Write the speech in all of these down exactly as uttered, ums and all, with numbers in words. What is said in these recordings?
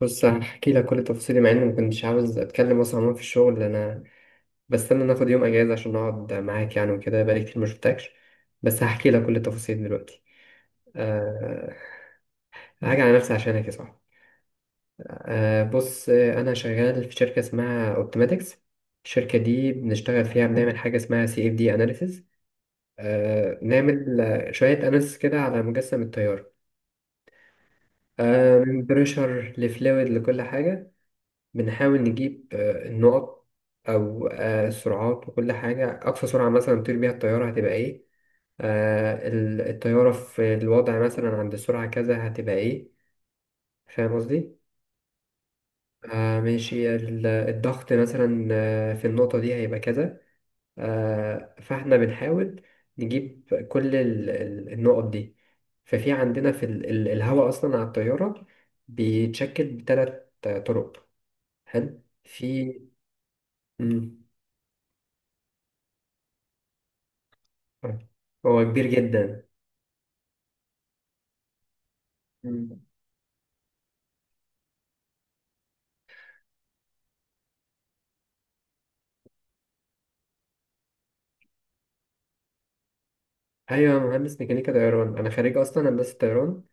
بص، هحكي لك كل تفاصيلي مع اني ما كنتش عاوز اتكلم اصلا. عموما في الشغل انا بستنى ناخد يوم اجازه عشان اقعد معاك يعني، وكده بقالي كتير ما شفتكش. بس هحكي لك كل التفاصيل دلوقتي. أه. هاجي على نفسي عشانك يا صاحبي. أه، بص. آه، انا شغال في شركه اسمها اوبتيماتكس. الشركه دي بنشتغل فيها، بنعمل حاجه اسمها سي اف دي اناليسز. أه نعمل آه، شويه اناليسز كده على مجسم التيار. أه من بريشر لفلويد لكل حاجه. بنحاول نجيب آه، النقط، أو آه، السرعات وكل حاجة. أقصى سرعة مثلا تطير بيها الطيارة هتبقى إيه؟ آه، ال- الطيارة في الوضع مثلا عند السرعة كذا هتبقى إيه. فاهم قصدي؟ آه ماشي. ال- الضغط مثلا آه، في النقطة دي هيبقى كذا. آه فاحنا بنحاول نجيب كل ال- ال- النقط دي. ففي عندنا في ال- ال- الهواء أصلا على الطيارة بيتشكل بثلاث طرق. حلو. في. مم. هو كبير جدا. مم. ايوه، أنا مهندس ميكانيكا طيران، انا خريج اصلا هندسه طيران.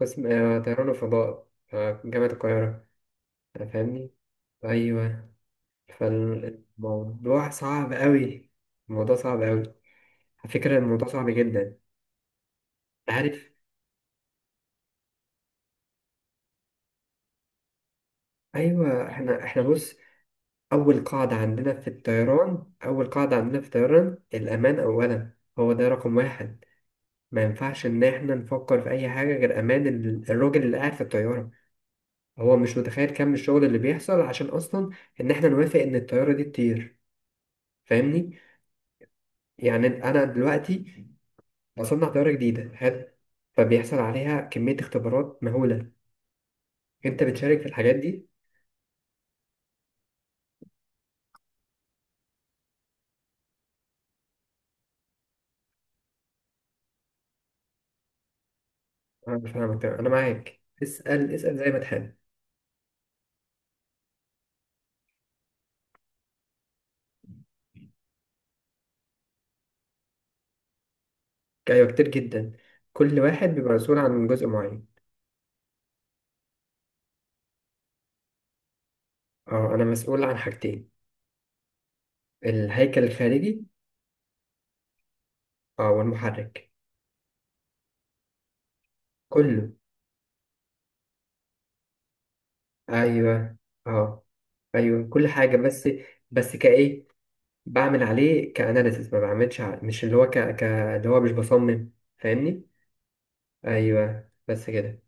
قسم آه، طيران وفضاء، آه، جامعه القاهره. آه، فاهمني. ايوه. فالموضوع صعب قوي. الموضوع صعب قوي. على فكره الموضوع صعب جدا. عارف. ايوه. احنا احنا بص. اول قاعده عندنا في الطيران، اول قاعده عندنا في الطيران، الامان اولا. هو ده رقم واحد. ما ينفعش ان احنا نفكر في اي حاجه غير امان ال- الراجل اللي قاعد في الطياره. هو مش متخيل كم الشغل اللي بيحصل عشان اصلا ان احنا نوافق ان الطياره دي تطير. فاهمني. يعني انا دلوقتي بصنع طياره جديده، حلو. فبيحصل عليها كميه اختبارات مهوله. انت بتشارك في الحاجات دي. انا مش فاهمك تمام. انا معاك، اسال اسال زي ما تحب. ايوه كتير جدا. كل واحد بيبقى مسؤول عن جزء معين. اه، انا مسؤول عن حاجتين. الهيكل الخارجي. اه، والمحرك كله. ايوه. اه. ايوه كل حاجه بس. بس كايه، بعمل عليه كأناليسيس، ما بعملش ع- مش اللي هو ك... ك... اللي هو مش بصمم. فاهمني. ايوه بس كده.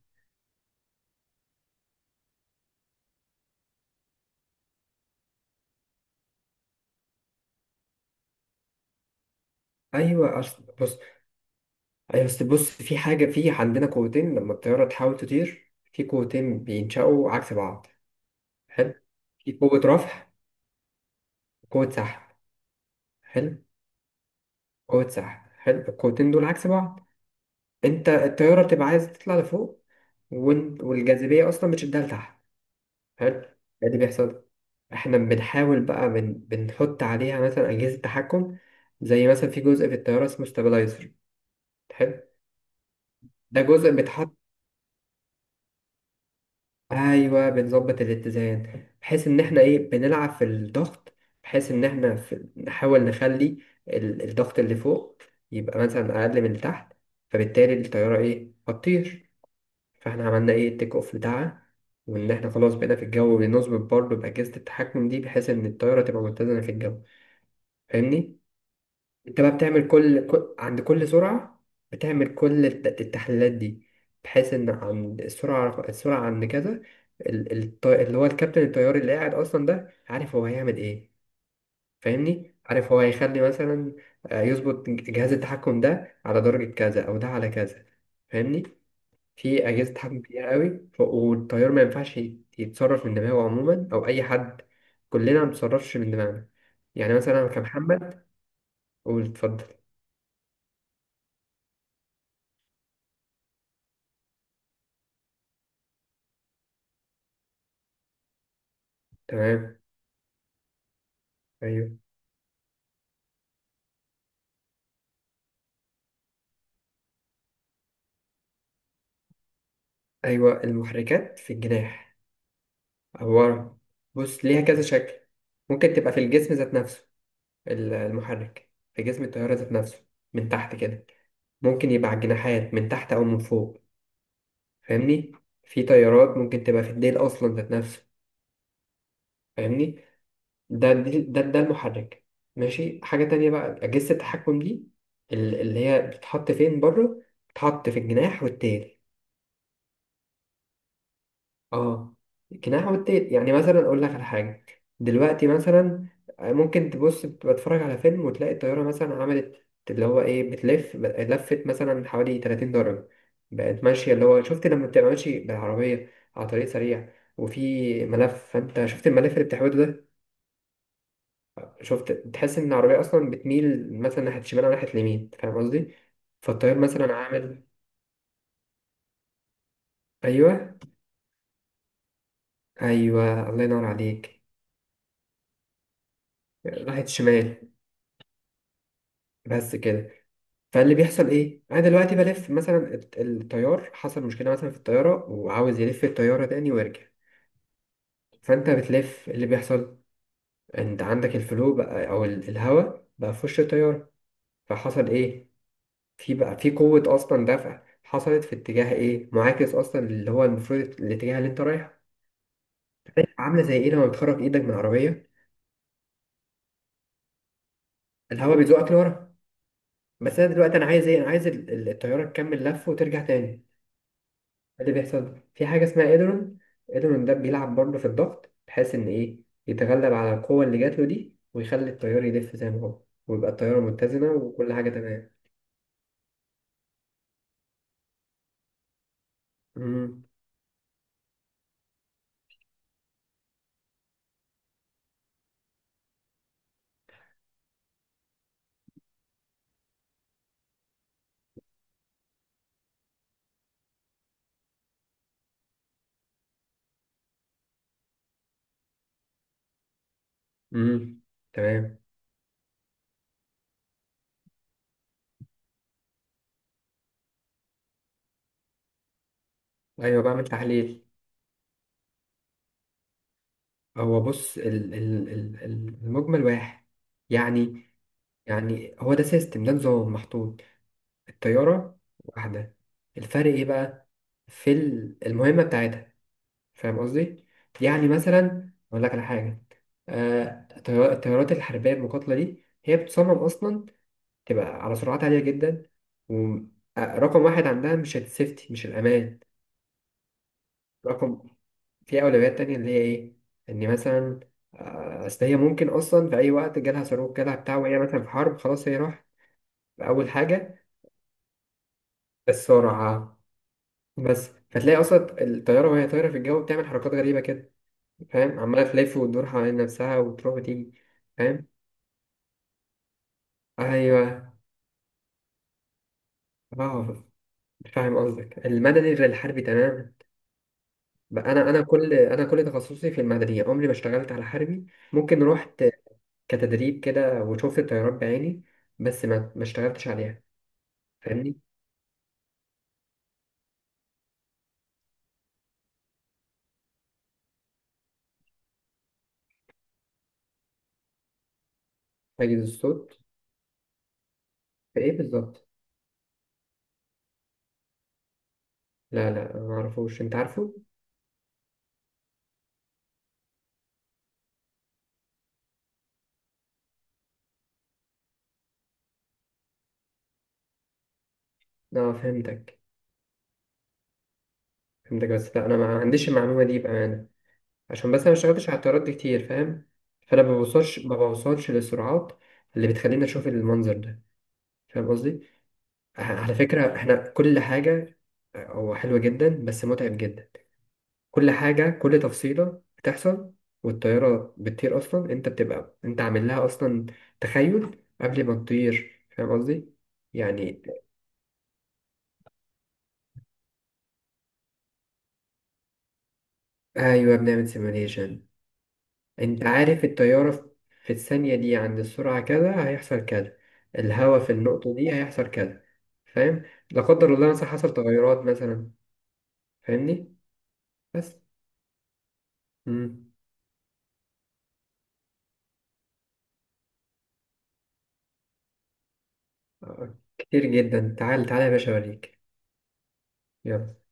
ايوه اصل بص. ايوه اصل بص في حاجه. في عندنا قوتين. لما الطياره تحاول تطير في قوتين بينشأوا عكس بعض. حلو. في قوه رفع. وقوه سحب. حلو. قوه سحب. حلو. القوتين دول عكس بعض. انت الطياره بتبقى عايز تطلع لفوق، وإن- والجاذبيه اصلا بتشدها لتحت. حلو. إيه اللي بيحصل؟ احنا بنحاول بقى بن... بنحط عليها مثلا اجهزه تحكم. زي مثلا في جزء في الطياره اسمه ستابلايزر. حلو. ده جزء بيتحط. ايوه، بنظبط الاتزان بحيث ان احنا ايه، بنلعب في الضغط. بحيث ان احنا في... نحاول نخلي ال... الضغط اللي فوق يبقى مثلا اقل من اللي تحت. فبالتالي الطياره ايه، هتطير. فاحنا عملنا ايه، التيك اوف بتاعها. وان احنا خلاص بقينا في الجو، بنظبط برضه باجهزه التحكم دي بحيث ان الطياره تبقى متزنه في الجو. فاهمني. انت بقى بتعمل كل كل- عند كل سرعة بتعمل كل الت- التحليلات دي. بحيث ان عند السرعة السرعة عند كذا، ال- الط- اللي هو الكابتن الطيار اللي قاعد اصلا ده عارف هو هيعمل ايه. فاهمني. عارف هو هيخلي مثلا آه، يظبط جهاز التحكم ده على درجة كذا او ده على كذا. فاهمني. في اجهزة تحكم كتير قوي، ف- والطيار ما ينفعش يتصرف من دماغه عموما، او اي حد. كلنا ما بنتصرفش من دماغنا. يعني مثلا كمحمد. قول اتفضل. تمام. أيوه. أيوه المحركات في الجناح. عبارة. بص ليها كذا شكل. ممكن تبقى في الجسم ذات نفسه. ال- المحرك في جسم الطيارة ذات نفسه من تحت كده. ممكن يبقى على الجناحات من تحت أو من فوق. فاهمني. في طيارات ممكن تبقى في الديل أصلا ذات نفسه. فاهمني. ده ده ده, ده المحرك. ماشي. حاجة تانية بقى، أجهزة التحكم دي ال- اللي هي بتتحط فين؟ بره. بتتحط في الجناح والتيل. اه، جناح والتيل. يعني مثلا اقول لك على حاجه، دلوقتي مثلا آه، ممكن تبص بتفرج على فيلم وتلاقي الطياره مثلا عملت اللي هو ايه، بتلف لفت مثلا حوالي 30 درجه. بقت ماشيه اللي هو، شفت لما بتبقى ماشي بالعربيه على طريق سريع وفي ملف، فانت شفت الملف اللي بتحوله ده. شفت تحس ان العربيه اصلا بتميل مثلا ناحيه الشمال او ناحيه اليمين. فاهم قصدي؟ فالطيار مثلا عامل. ايوه، ايوه، الله ينور عليك. راحت شمال. بس كده. فاللي بيحصل ايه، انا دلوقتي بلف مثلا الت- التيار. حصل مشكله مثلا في الطياره وعاوز يلف الطياره تاني ويرجع. فانت بتلف، اللي بيحصل، انت عندك الفلو بقى او ال- الهواء بقى في وش الطياره. فحصل ايه، في بقى في قوه اصلا دفع حصلت في اتجاه ايه، معاكس اصلا اللي هو المفروض الاتجاه اللي انت رايحه. عامله زي ايه لما بتخرج ايدك من العربيه، الهواء بيزقك لورا. بس انا دلوقتي انا عايز ايه، انا عايز ال- ال- الطياره تكمل لف وترجع تاني. اللي بيحصل في حاجة اسمها إيدرون. إيدرون ده بيلعب برضه في الضغط بحيث إن إيه، يتغلب على القوة اللي جات له دي ويخلي التيار يلف زي ما هو، ويبقى الطيارة متزنة وكل حاجة تمام. امم. امم. تمام. أيوه، بعمل تحليل. هو بص، ال ال ال ال- المجمل واحد يعني يعني هو ده سيستم، ده نظام محطوط. الطيارة واحدة. الفرق إيه بقى؟ في ال- المهمة بتاعتها. فاهم قصدي؟ يعني مثلا أقول لك على حاجة، آه، الطيار- الطيارات الحربية المقاتلة دي هي بتصمم أصلا تبقى على سرعات عالية جدا. ورقم واحد عندها مش السيفتي، مش الأمان. رقم. في أولويات تانية اللي هي إيه؟ إن مثلا آه، أصل هي ممكن أصلا في أي وقت جالها صاروخ جالها بتاع، وهي مثلا في حرب، خلاص هي راحت. أول حاجة السرعة. بس فتلاقي أصلا الطيارة وهي طايرة في الجو بتعمل حركات غريبة كده. فاهم. عمالة تلف وتدور حوالين نفسها وتروح وتيجي. فاهم. أيوه. اه. فاهم قصدك، المدني غير الحربي تماما. بقى أنا أنا كل أنا كل تخصصي في المدني، عمري ما اشتغلت على حربي. ممكن رحت كتدريب كده وشفت الطيارات بعيني، بس ما ما اشتغلتش عليها. فاهمني. حاجز الصوت. في إيه بالظبط؟ لا، لا، ما أعرفوش. أنت عارفه؟ أه، فهمتك. فهمتك، بس لا، أنا ما عنديش المعلومة دي بأمانة. عشان بس انا مشتغلتش على الطيارات دي كتير، فاهم. فانا ما بوصلش، ما بوصلش للسرعات اللي بتخليني اشوف المنظر ده. فاهم قصدي. ع- على فكره احنا كل حاجه. أه، هو حلوه جدا بس متعب جدا. كل حاجه، كل تفصيله بتحصل والطياره بتطير اصلا، انت بتبقى انت عامل لها اصلا تخيل قبل ما تطير. فاهم قصدي يعني. ايوه، بنعمل سيميوليشن. انت عارف التيارة في في الثانية دي عند السرعة كذا هيحصل كذا. الهواء في النقطة دي هيحصل كذا. فاهم. لا قدر الله مثلا حصل تغيرات مثلا. فاهمني. بس. مم. آه، كتير جدا. تعال تعال يا باشا اوريك. يلا